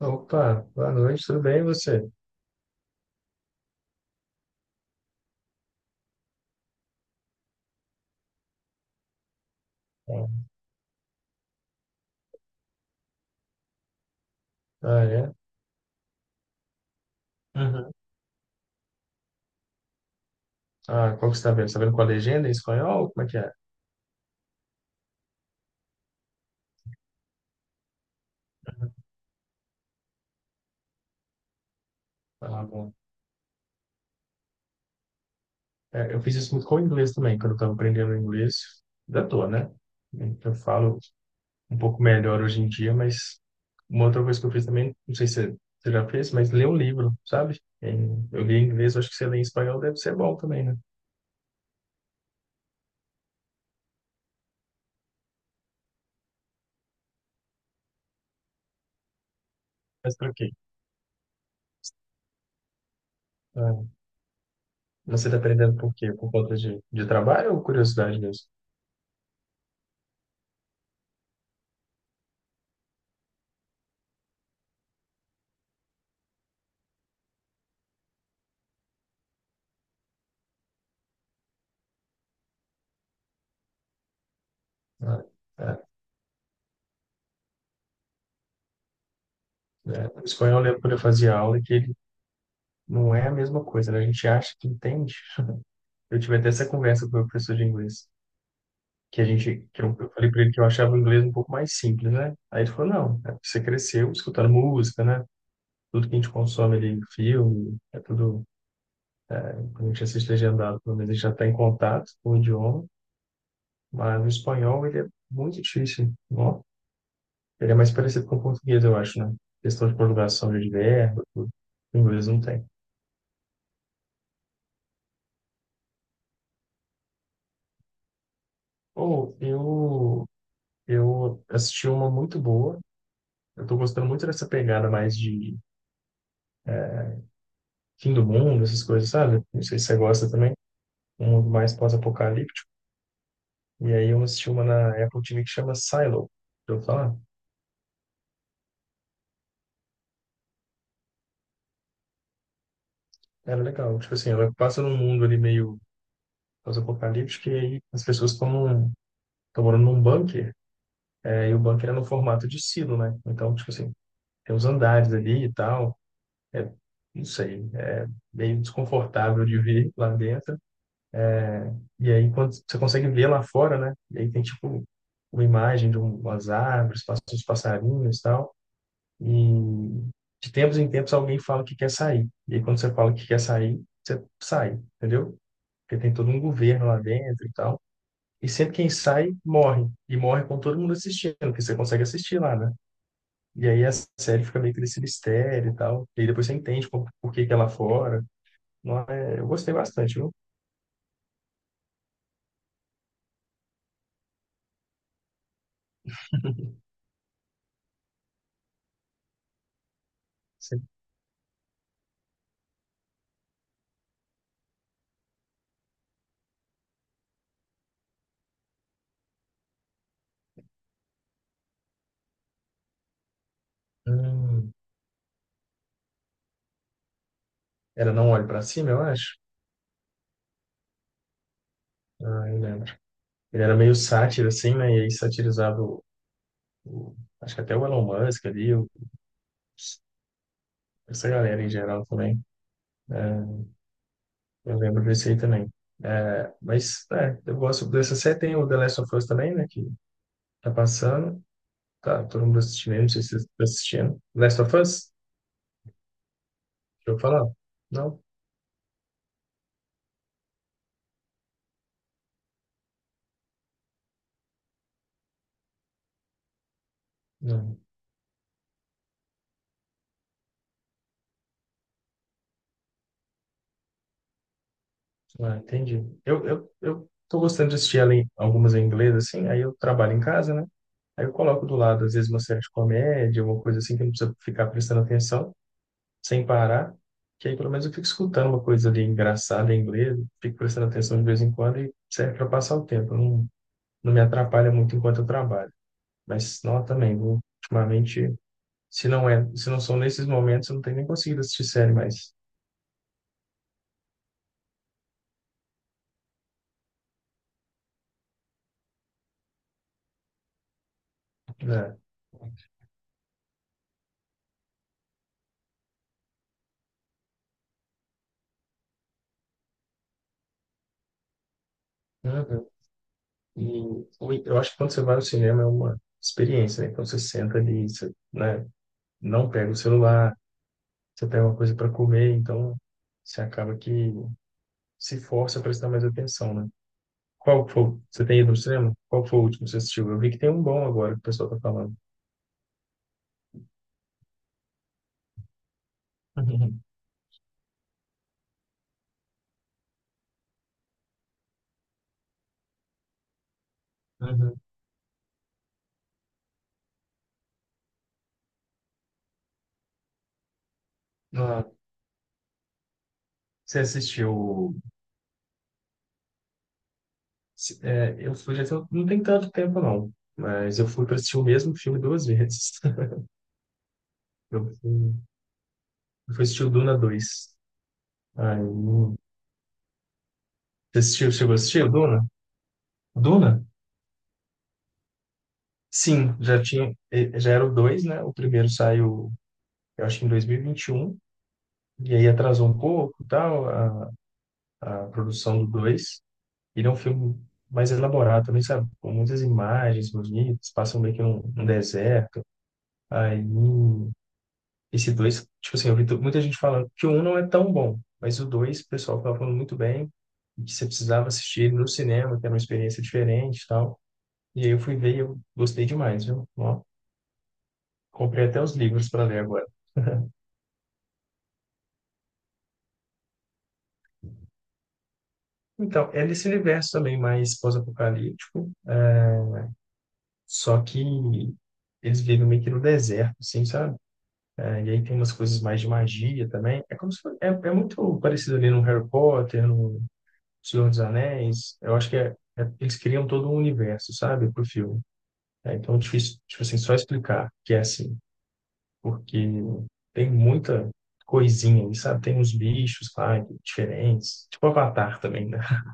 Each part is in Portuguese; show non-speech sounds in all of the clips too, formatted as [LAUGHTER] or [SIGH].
Opa, boa noite, tudo bem e você? Ah, é? Uhum. Ah, qual que você está vendo? Você está vendo com a legenda em espanhol? Como é que é? Ah, bom. É, eu fiz isso muito com o inglês também, quando eu estava aprendendo inglês. Ainda tô, né? Eu falo um pouco melhor hoje em dia, mas uma outra coisa que eu fiz também, não sei se você já fez, mas ler um livro, sabe? Eu li em inglês, eu acho que você lê em espanhol deve ser bom também, né? Mas pra quê? Ah, você está aprendendo por quê? Por conta de trabalho ou curiosidade mesmo? Ah, é. Né? O espanhol, eu lembro quando eu fazia aula, que ele não é a mesma coisa, né? A gente acha que entende. Eu tive até essa conversa com o meu professor de inglês, que a gente, que eu falei para ele que eu achava o inglês um pouco mais simples, né? Aí ele falou, não, é porque você cresceu escutando música, né? Tudo que a gente consome ali, filme, é tudo, quando a gente assiste legendado, pelo menos a gente já está em contato com o idioma, mas o espanhol, ele é muito difícil, ó. Ele é mais parecido com o português, eu acho, né? Questão de conjugação de verbo, tudo. O inglês não tem. Ou eu assisti uma muito boa. Eu tô gostando muito dessa pegada mais de fim do mundo, essas coisas, sabe? Não sei se você gosta também. Um mundo mais pós-apocalíptico. E aí eu assisti uma na Apple TV que chama Silo. Eu falar, era legal. Tipo assim, ela passa num mundo ali meio pós-apocalíptico e aí as pessoas estão morando num bunker. É, e o bunker é no formato de silo, né? Então, tipo assim, tem os andares ali e tal. É, não sei, é meio desconfortável de ver lá dentro. E aí, quando você consegue ver lá fora, né? E aí tem, tipo, uma imagem de umas árvores, passos de passarinhos e tal. E de tempos em tempos alguém fala que quer sair. E aí, quando você fala que quer sair, você sai, entendeu? Porque tem todo um governo lá dentro e tal. E sempre quem sai, morre. E morre com todo mundo assistindo, porque você consegue assistir lá, né? E aí a série fica meio que nesse mistério e tal. E aí depois você entende por que que é lá fora. Não é... Eu gostei bastante, viu? Você- Hum, era Não Olhe Pra Cima, eu acho. Ah, eu lembro. Ele era meio sátiro, assim, né? E aí satirizava o- acho que até o Elon Musk ali, o- essa galera em geral também. É, eu lembro desse aí também. É, mas, é, eu gosto dessa série. Tem o The Last of Us também, né? Que tá passando. Tá, todo mundo assistindo, aí, não sei se vocês estão assistindo. Last of Us? Deixa eu falar? Não? Não. Ah, entendi. Eu tô gostando de assistir ela em, algumas em inglês, assim, aí eu trabalho em casa, né? Aí eu coloco do lado, às vezes, uma série de comédia, uma coisa assim que eu não precisa ficar prestando atenção, sem parar, que aí pelo menos eu fico escutando uma coisa ali engraçada em inglês, fico prestando atenção de vez em quando e serve para passar o tempo. Não, não me atrapalha muito enquanto eu trabalho. Mas não também, viu? Ultimamente, se não é, se não são nesses momentos, eu não tenho nem conseguido assistir série mais. Né? Uhum. E o- eu acho que quando você vai ao cinema é uma experiência, né? Então você senta ali, você, né, não pega o celular, você tem uma coisa para comer, então você acaba que se força a prestar mais atenção, né? Qual foi? Você tem ido no cinema? Qual foi o último que você assistiu? Eu vi que tem um bom agora que o pessoal tá falando. [LAUGHS] Uhum. Uhum. Ah, você assistiu? É, eu fui não tem tanto tempo não, mas eu fui para assistir o mesmo filme duas vezes. [LAUGHS] Eu fui, eu fui assistir o Duna dois. Aí, você assistiu? Chegou a assistir o Duna? Duna? Sim, já tinha, já era o 2, né? O primeiro saiu, eu acho que em 2021. E aí atrasou um pouco, tal, a produção do 2. Ele é um filme mais elaborado também, sabe? Com muitas imagens bonitas, passam meio que num um deserto. Aí, esse dois, tipo assim, muita gente falando que o um não é tão bom, mas o dois, o pessoal tava falando muito bem, e que você precisava assistir ele no cinema, que era uma experiência diferente e tal. E aí eu fui ver e eu gostei demais, viu? Ó, comprei até os livros para ler agora. Então, é nesse universo também mais pós-apocalíptico. Só que eles vivem meio que no deserto, assim, sabe? É, e aí tem umas coisas mais de magia também. É como se fosse, é, é muito parecido ali no Harry Potter, no Senhor dos Anéis. Eu acho que eles criam todo um universo, sabe, pro filme. É, então, é difícil, tipo assim, só explicar que é assim, porque tem muita coisinha ali, sabe? Tem uns bichos lá diferentes, tipo Avatar também, né? [LAUGHS]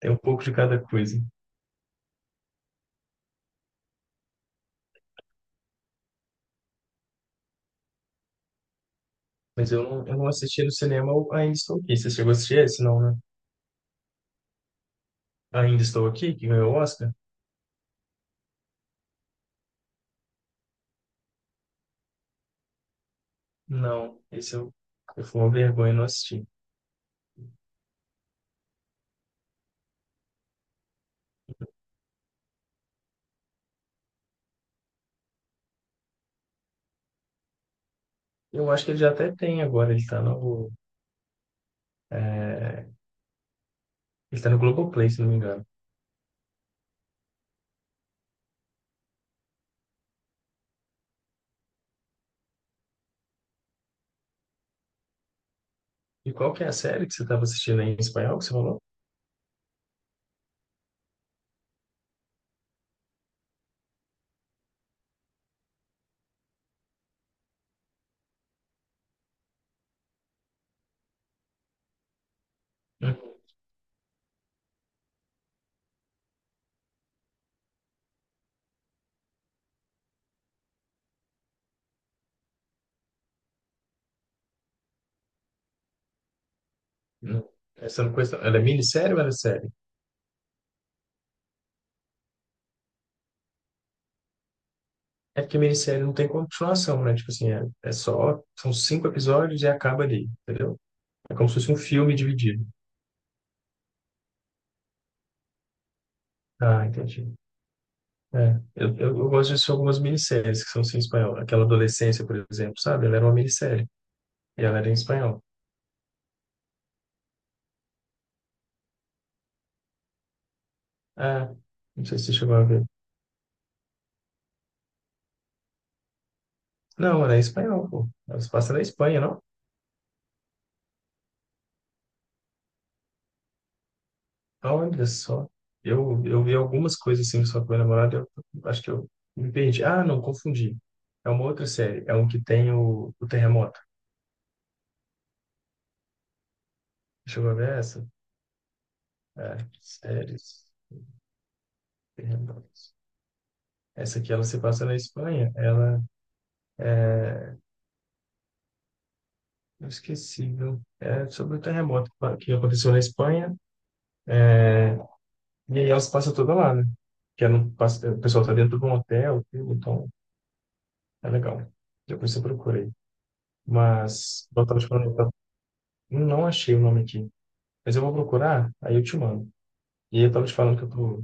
Tem um pouco de cada coisa. Mas eu não assisti no cinema, eu ainda estou aqui. Você chegou a assistir esse, não, né? Ainda Estou Aqui, que ganhou o Oscar? Não, eu fui uma vergonha não assistir. Eu acho que ele já até tem agora, ele tá no, é, ele tá no Globoplay, se não me engano. E qual que é a série que você estava assistindo aí em espanhol, que você falou? Hum, Não. Essa eu não conheço, não. Ela é minissérie ou ela é série? É porque minissérie não tem continuação, né? Tipo assim, são cinco episódios e acaba ali, entendeu? É como se fosse um filme dividido. Ah, entendi. É, eu gosto de assistir algumas minisséries que são assim, em espanhol. Aquela Adolescência, por exemplo, sabe? Ela era uma minissérie. E ela era em espanhol. Ah, não sei se você chegou a ver. Não, ela é em espanhol, pô. Ela se passa na Espanha, não? Ah, olha só. Eu vi algumas coisas assim só com meu namorado, eu acho que eu me perdi. Ah, não, confundi. É uma outra série. É um que tem o terremoto. Chegou a ver essa? É, séries, terremotos. Essa aqui, ela se passa na Espanha. Ela, é, inesquecível. É sobre o terremoto que aconteceu na Espanha. E aí elas passam toda lá, né? Que não passa, o pessoal tá dentro de um hotel, tudo, então é legal. Depois você procura aí. Mas eu tava te falando, eu tava- não achei o nome aqui. Mas eu vou procurar, aí eu te mando. E aí eu tava te falando que eu tô,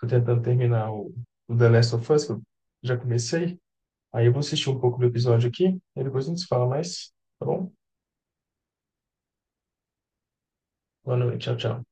tô tentando terminar o The Last of Us, que eu já comecei. Aí eu vou assistir um pouco do episódio aqui, e depois a gente se fala mais, tá bom? Boa noite, tchau, tchau.